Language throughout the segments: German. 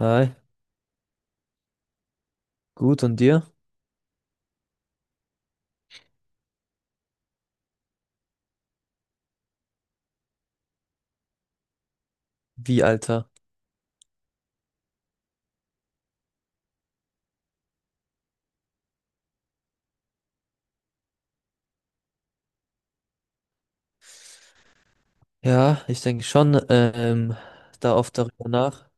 Hi, gut und dir? Wie, Alter? Ja, ich denke schon, da oft darüber nach.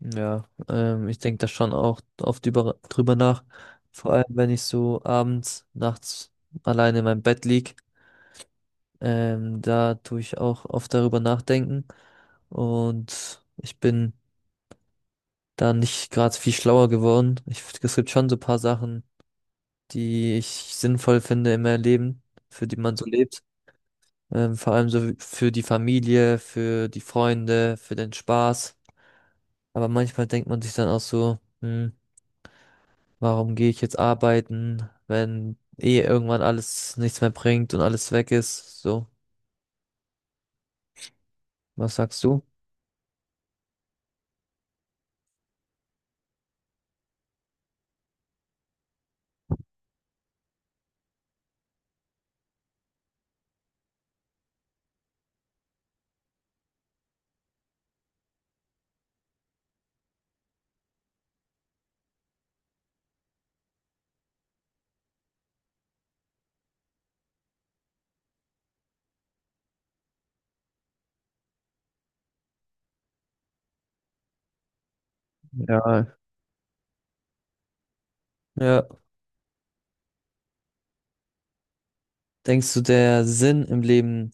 Ja, ich denke da schon auch oft drüber nach. Vor allem, wenn ich so abends, nachts alleine in meinem Bett lieg, da tue ich auch oft darüber nachdenken. Und ich bin da nicht gerade viel schlauer geworden. Ich, es gibt schon so ein paar Sachen, die ich sinnvoll finde in meinem Leben, für die man so lebt. Vor allem so für die Familie, für die Freunde, für den Spaß. Aber manchmal denkt man sich dann auch so, hm, warum gehe ich jetzt arbeiten, wenn eh irgendwann alles nichts mehr bringt und alles weg ist? So, was sagst du? Ja, ja, denkst du, der Sinn im Leben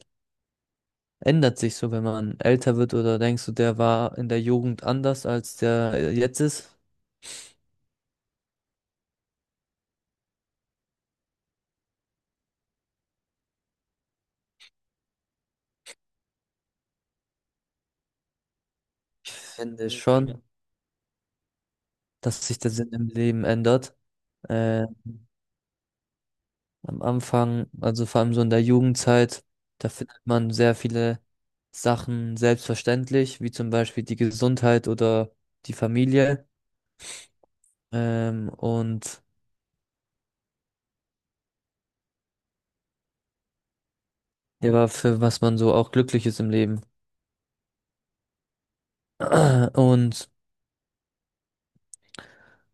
ändert sich so, wenn man älter wird, oder denkst du, der war in der Jugend anders, als der jetzt ist? Finde ich schon, dass sich der Sinn im Leben ändert. Äh, Am Anfang, also vor allem so in der Jugendzeit, da findet man sehr viele Sachen selbstverständlich, wie zum Beispiel die Gesundheit oder die Familie, und ja, für was man so auch glücklich ist im Leben. Und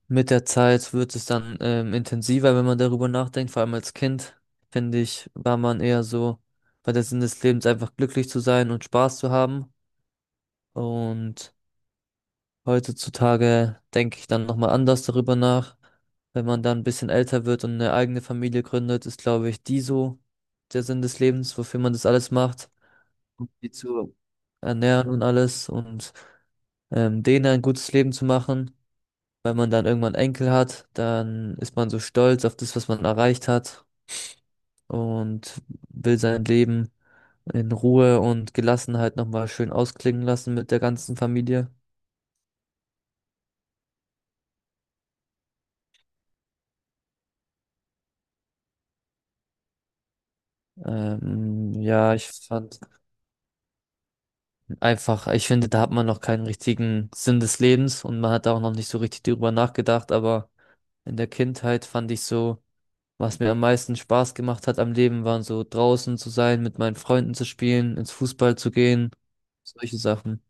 mit der Zeit wird es dann intensiver, wenn man darüber nachdenkt. Vor allem als Kind, finde ich, war man eher so bei der Sinn des Lebens einfach glücklich zu sein und Spaß zu haben. Und heutzutage denke ich dann nochmal anders darüber nach. Wenn man dann ein bisschen älter wird und eine eigene Familie gründet, ist, glaube ich, die so der Sinn des Lebens, wofür man das alles macht, um die zu ernähren und alles und denen ein gutes Leben zu machen. Wenn man dann irgendwann Enkel hat, dann ist man so stolz auf das, was man erreicht hat und will sein Leben in Ruhe und Gelassenheit nochmal schön ausklingen lassen mit der ganzen Familie. Ja, ich fand einfach, ich finde, da hat man noch keinen richtigen Sinn des Lebens und man hat da auch noch nicht so richtig drüber nachgedacht, aber in der Kindheit fand ich so, was mir am meisten Spaß gemacht hat am Leben, waren so draußen zu sein, mit meinen Freunden zu spielen, ins Fußball zu gehen, solche Sachen.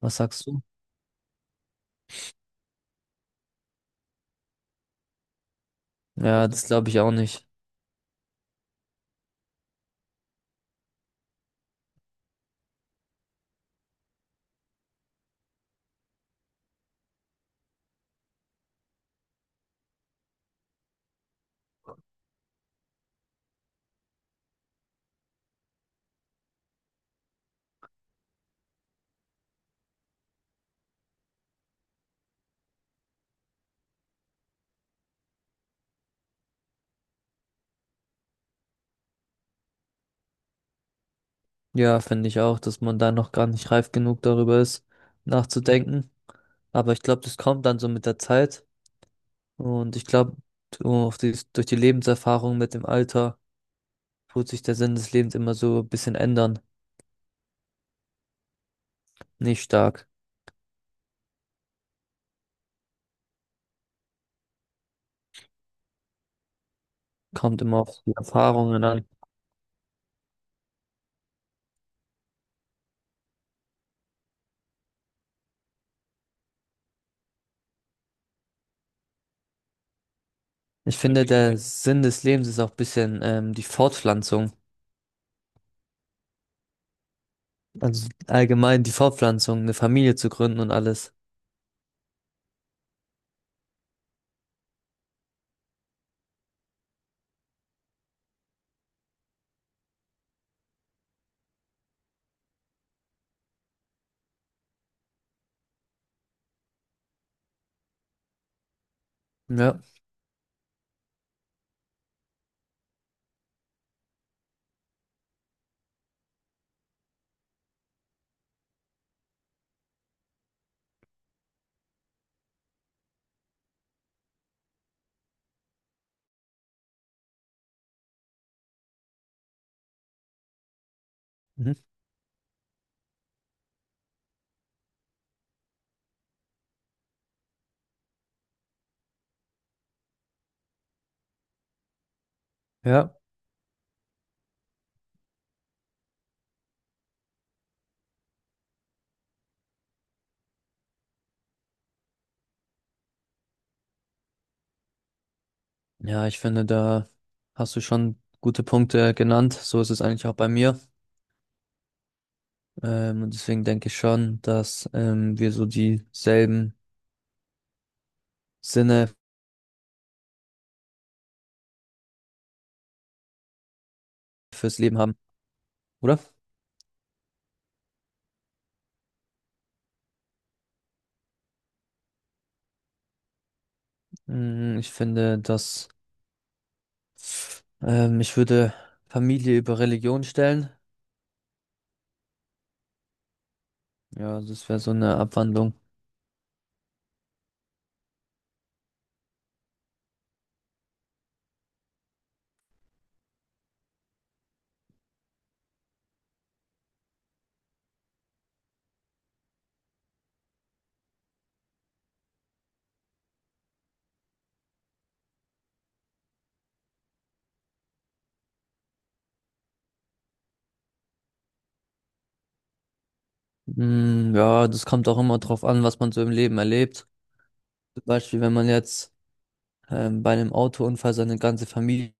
Was sagst du? Ja, das glaube ich auch nicht. Ja, finde ich auch, dass man da noch gar nicht reif genug darüber ist, nachzudenken. Aber ich glaube, das kommt dann so mit der Zeit und ich glaube, durch die Lebenserfahrung mit dem Alter tut sich der Sinn des Lebens immer so ein bisschen ändern. Nicht stark. Kommt immer auf die Erfahrungen an. Ich finde, der Sinn des Lebens ist auch ein bisschen die Fortpflanzung. Also allgemein die Fortpflanzung, eine Familie zu gründen und alles. Ja. Mhm. Ja. Ja, ich finde, da hast du schon gute Punkte genannt. So ist es eigentlich auch bei mir. Und deswegen denke ich schon, dass wir so dieselben Sinne fürs Leben haben, oder? Mm, ich finde, dass ich würde Familie über Religion stellen. Ja, das wäre so eine Abwandlung. Mm, ja, das kommt auch immer drauf an, was man so im Leben erlebt. Zum Beispiel, wenn man jetzt bei einem Autounfall seine ganze Familie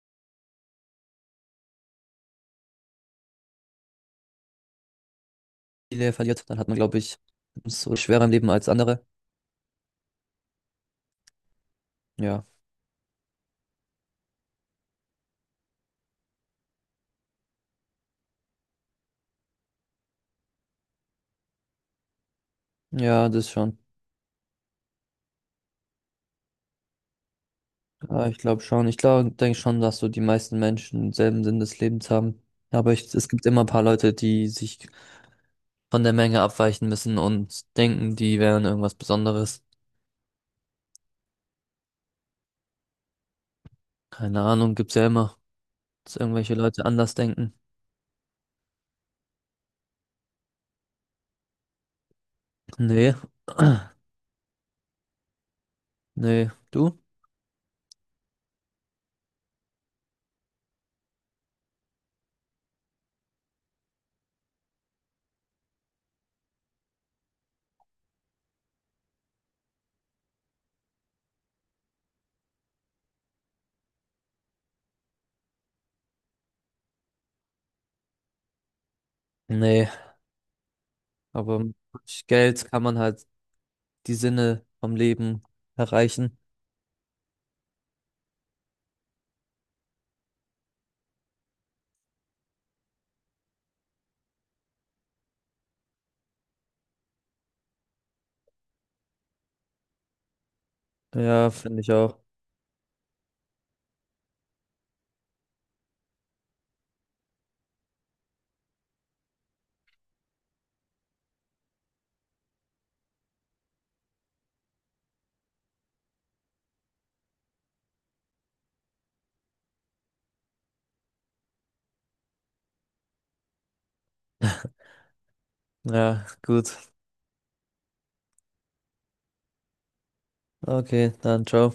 verliert, dann hat man, glaube ich, so schwerer im Leben als andere. Ja, ja, das schon. Ja, ich glaube schon. Ich glaube, denke schon, dass so die meisten Menschen denselben Sinn des Lebens haben. Aber ich, es gibt immer ein paar Leute, die sich von der Menge abweichen müssen und denken, die wären irgendwas Besonderes. Keine Ahnung, gibt's ja immer, dass irgendwelche Leute anders denken. Nee. Nee. Du? Nee. Aber mit Geld kann man halt die Sinne vom Leben erreichen. Ja, finde ich auch. Ja, gut. Okay, dann ciao.